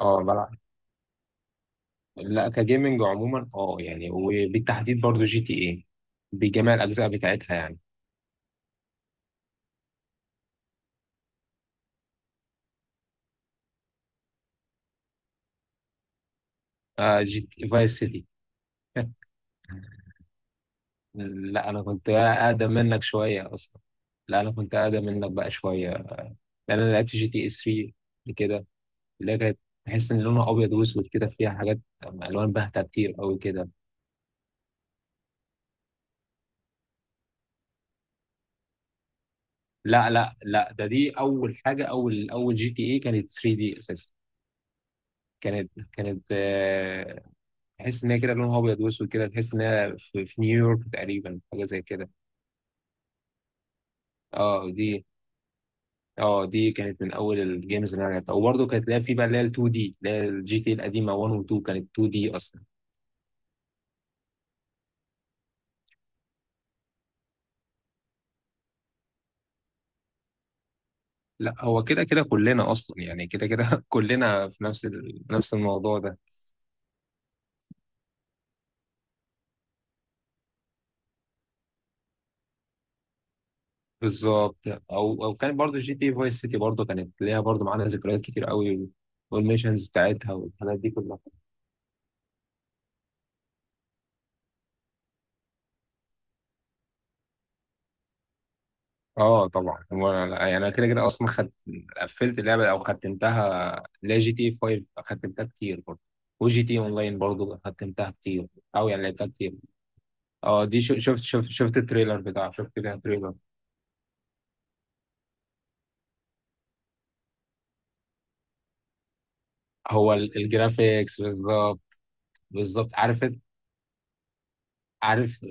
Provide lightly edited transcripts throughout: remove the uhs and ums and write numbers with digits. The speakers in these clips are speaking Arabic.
اه بلعب. لا كجيمنج عموما، يعني وبالتحديد برضو جي تي ايه بجميع الاجزاء بتاعتها يعني. آه، جي تي فايس سيتي. لا انا كنت اقدم منك شويه اصلا. لا انا كنت اقدم منك بقى شويه، لان انا لعبت جي تي اي 3 قبل كده، اللي هي كانت تحس ان لونها ابيض واسود كده، فيها حاجات الوان باهته كتير قوي كده. لا لا لا، دي اول حاجه، اول جي تي اي كانت 3 دي اساسا. كانت تحس ان هي كده لونها ابيض واسود كده، تحس ان هي في نيويورك تقريبا، حاجه زي كده. اه دي. اه دي كانت من اول الجيمز اللي انا لعبتها، وبرضه كانت لها في بقى اللي هي ال 2 دي، اللي هي الجي تي القديمه 1 و 2، كانت 2 دي اصلا. لا هو كده كده كلنا اصلا يعني كده كده كلنا في نفس نفس الموضوع ده. بالظبط. او كانت برضه جي تي فايس سيتي برضه، كانت ليها برضه معانا ذكريات كتير قوي، والميشنز بتاعتها والحاجات دي كلها. اه طبعا، يعني انا كده كده اصلا خد، قفلت اللعبه او ختمتها، لا جي تي 5 ختمتها كتير برضه، وجي تي إيه اونلاين برضه ختمتها كتير. او يعني لعبتها كتير. اه دي شفت التريلر بتاعه، شفت لها تريلر. هو الجرافيكس بالظبط، بالظبط عارف عارف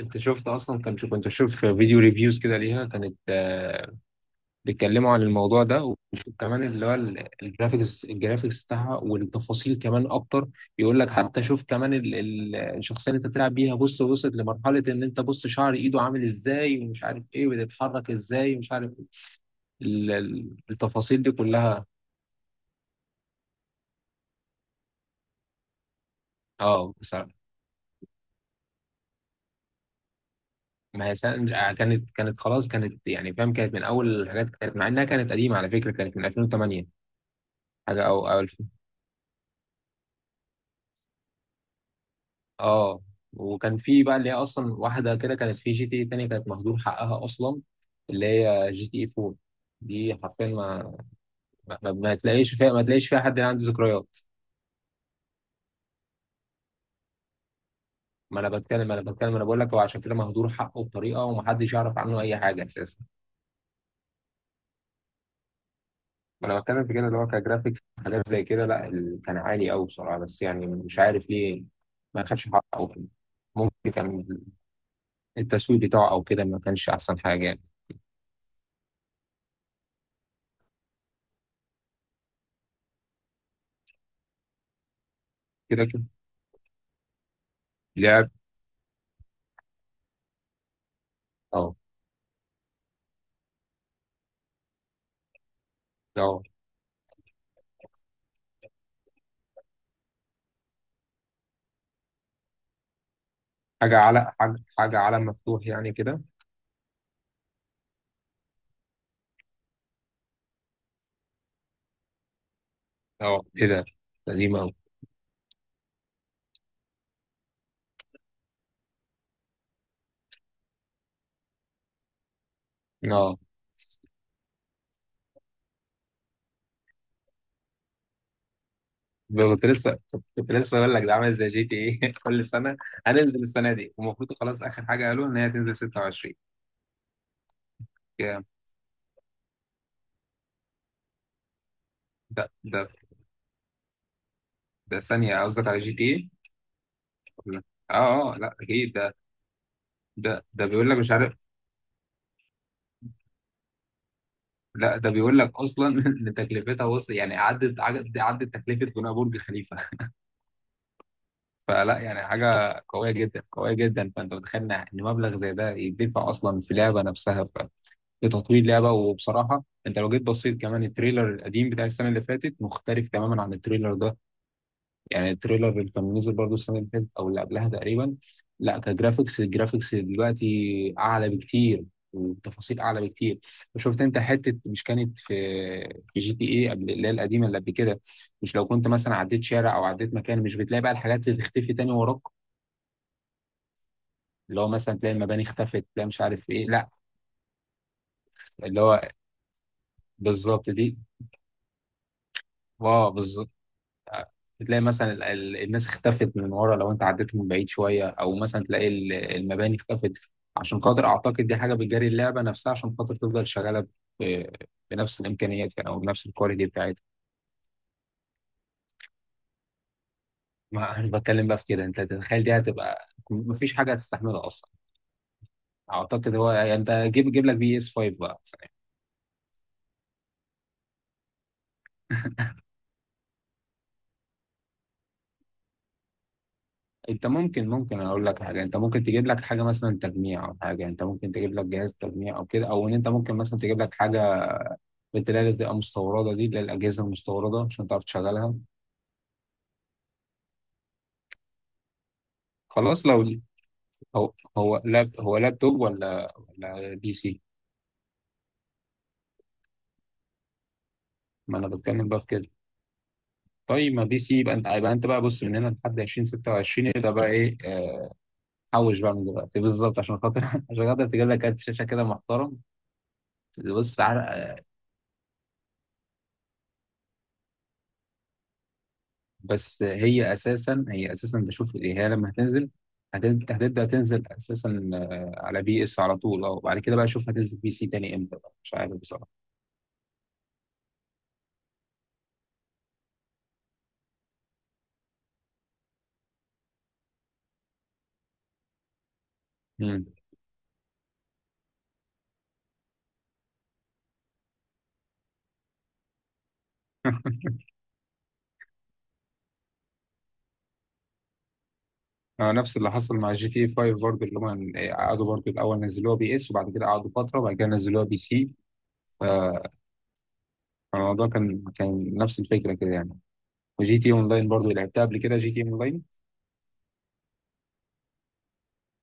انت شفت اصلا، كنت بشوف فيديو ريفيوز كده ليها، كانت بيتكلموا عن الموضوع ده، وبشوف كمان اللي هو الجرافيكس الجرافيكس بتاعها والتفاصيل كمان اكتر. بيقول لك حتى شوف كمان الشخصيه اللي انت بتلعب بيها، بص وصلت لمرحله ان انت بص شعر ايده عامل ازاي ومش عارف ايه، وبتتحرك ازاي ومش عارف التفاصيل دي كلها. اه بصراحه. ما هي سن- كانت خلاص، كانت يعني فاهم، كانت من اول الحاجات، كانت مع انها كانت قديمه على فكره، كانت من 2008. حاجه او أو اه وكان في بقى اللي هي اصلا واحده كده كانت في جي تي اي تانية كانت مهدور حقها اصلا، اللي هي جي تي اي 4. دي حرفيا ما تلاقيش فيها، ما تلاقيش فيها حد عنده ذكريات. ما انا بتكلم انا بقول لك، هو عشان كده مهدور حقه بطريقه، ومحدش يعرف عنه اي حاجه اساسا. ما انا بتكلم في كده، اللي هو كجرافيكس حاجات زي كده، لا كان عالي قوي بصراحه، بس يعني مش عارف ليه ما خدش حقه ممكن كان التسويق بتاعه او كده ما كانش احسن حاجه يعني. كده كده لعب. اه حاجة على حاجة، حاجة على مفتوح يعني كده. اه ايه ده قديم أوي. اه كنت لسه كنت لسه اقول لك ده عامل زي جي تي ايه كل سنة. هننزل السنة دي، والمفروض خلاص آخر حاجة قالوا إن هي تنزل 26. يا، ده ده ده ثانية، قصدك على جي تي ايه؟ ولا- اه اه لا اكيد ده. ده بيقول لك مش عارف. لا ده بيقول لك اصلا ان تكلفتها وصل يعني، عدت تكلفه بناء برج خليفه فلا يعني حاجه قويه جدا قويه جدا، فانت متخيل ان مبلغ زي ده يدفع اصلا في لعبه نفسها، لتطوير لعبة. وبصراحة انت لو جيت بصيت كمان التريلر القديم بتاع السنة اللي فاتت، مختلف تماما عن التريلر ده. يعني التريلر اللي كان نزل برضه السنة اللي فاتت او اللي قبلها تقريبا، لا كجرافيكس الجرافيكس دلوقتي اعلى بكتير، والتفاصيل اعلى بكتير. وشفت انت حتة مش كانت في في جي تي اي قبل، اللي هي القديمة اللي قبل كده. مش لو كنت مثلا عديت شارع او عديت مكان، مش بتلاقي بقى الحاجات اللي تختفي تاني وراك، اللي هو مثلا تلاقي المباني اختفت، تلاقي مش عارف ايه لا. اللي هو بالظبط دي، اه بالظبط. تلاقي مثلا الناس اختفت من ورا، لو انت عديت من بعيد شويه، او مثلا تلاقي المباني اختفت. عشان خاطر اعتقد دي حاجه بتجري اللعبه نفسها، عشان خاطر تفضل شغاله ب- بنفس الامكانيات يعني، او بنفس الكواليتي بتاعتها. ما انا بتكلم بقى في كده، انت تتخيل دي هتبقى مفيش حاجه هتستحملها اصلا. اعتقد هو يعني انت جيب جيب لك بي اس 5 بقى مثلا. انت ممكن اقول لك حاجه، انت ممكن تجيب لك حاجه مثلا تجميع او حاجه، انت ممكن تجيب لك جهاز تجميع او كده، او ان انت ممكن مثلا تجيب لك حاجه بتلاقي بتبقى مستورده، دي اللي هي الاجهزه المستورده عشان تعرف تشغلها. خلاص لو هو هو هو لابتوب ولا بي سي. ما انا بتكلم بقى في كده. طيب ما بي سي، يبقى انت بقى بص، من هنا لحد 2026 ابدا بقى ايه. حوش بقى من دلوقتي بالظبط، عشان خاطر عشان خاطر تجيب لك كارت شاشه كده محترم. بص عرق. بس هي اساسا، هي اساسا بشوف إيه، هي لما هتنزل هتبدا تنزل اساسا على بي اس على طول. اه وبعد كده بقى اشوف هتنزل بي سي تاني امتى، بقى مش عارف بصراحه. مم. نفس اللي حصل مع جي تي اي 5 برضه، اللي هم قعدوا برضه الاول نزلوها بي اس، وبعد كده قعدوا فتره، وبعد كده نزلوها بي سي. فالموضوع كان نفس الفكره كده يعني. وجي تي اونلاين برضه لعبتها قبل كده، جي تي اونلاين.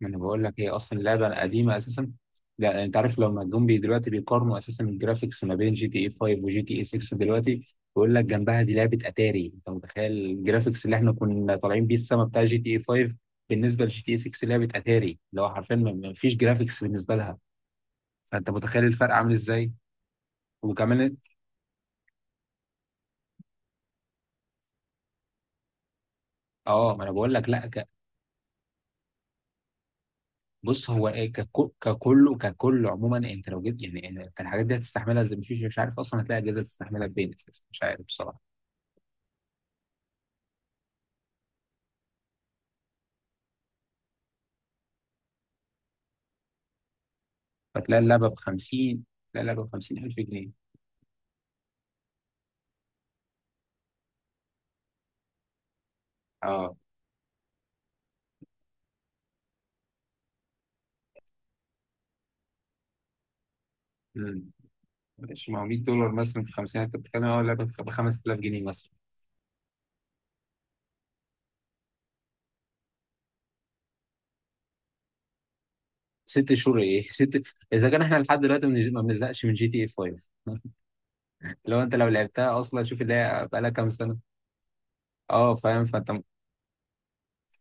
ما انا بقول لك هي اصلا لعبه قديمه اساسا. ده انت عارف لما جم بي دلوقتي بيقارنوا اساسا الجرافيكس ما بين جي تي اي 5 وجي تي اي 6 دلوقتي. بيقول لك جنبها دي لعبه اتاري. انت متخيل الجرافيكس اللي احنا كنا طالعين بيه السما بتاع جي تي اي 5، بالنسبه لجي تي اي 6 لعبه اتاري، اللي هو حرفيا ما فيش جرافيكس بالنسبه لها. فانت متخيل الفرق عامل ازاي. وكمان اه، ما انا بقول لك لا ك... بص هو ايه، ككله عموما، انت لو جيت يعني، انت الحاجات دي هتستحملها زي مفيش، مش عارف اصلا هتلاقي اجهزه تستحملها بفين اساسا، مش عارف بصراحه. فتلاقي اللعبه ب 50، تلاقي اللعبه ب 50000 جنيه. اه. امم مش ما هو 100 دولار مثلا في 50 انت بتتكلم، اه اللعبه ب 5000 جنيه مثلا. ست شهور ايه ست، اذا كان احنا لحد دلوقتي ما بنزهقش من جي تي اي 5 لو انت لو لعبتها اصلا، شوف اللي هي بقى لها كام سنه. اه فاهم، فانت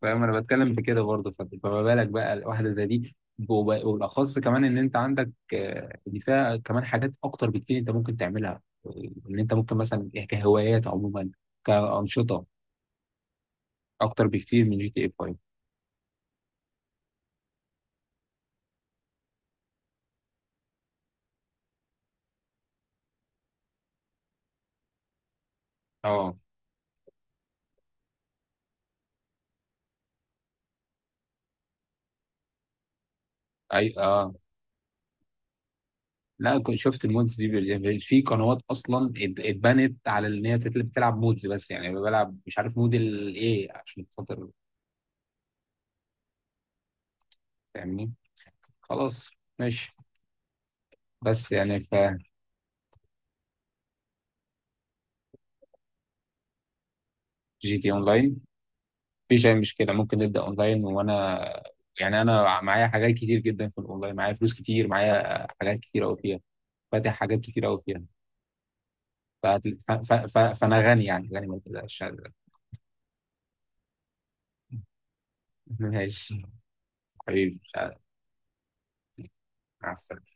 فاهم، انا بتكلم في كده برضه، فما بالك بقى واحده زي دي. وبالاخص كمان ان انت عندك، دي فيها كمان حاجات اكتر بكتير انت ممكن تعملها، ان انت ممكن مثلا إيه، كهوايات عموما، كانشطه اكتر بكتير من جي تي اي 5. اه اي اه لا، كنت شفت المودز دي يعني في قنوات اصلا اتبنت على ان هي بتلعب مودز، بس يعني بلعب مش عارف مود الايه، عشان خاطر فاهمني. خلاص. ماشي. بس يعني ف جي تي اونلاين. مفيش أي مشكلة، ممكن نبدأ أونلاين، وأنا يعني أنا معايا حاجات كتير جدا في الأونلاين، معايا فلوس كتير، معايا حاجات كتير أوي فيها، فاتح حاجات كتير أوي فيها. فأنا غني، يعني غني، ما تقلقش. ماشي حبيبي، مع السلامة.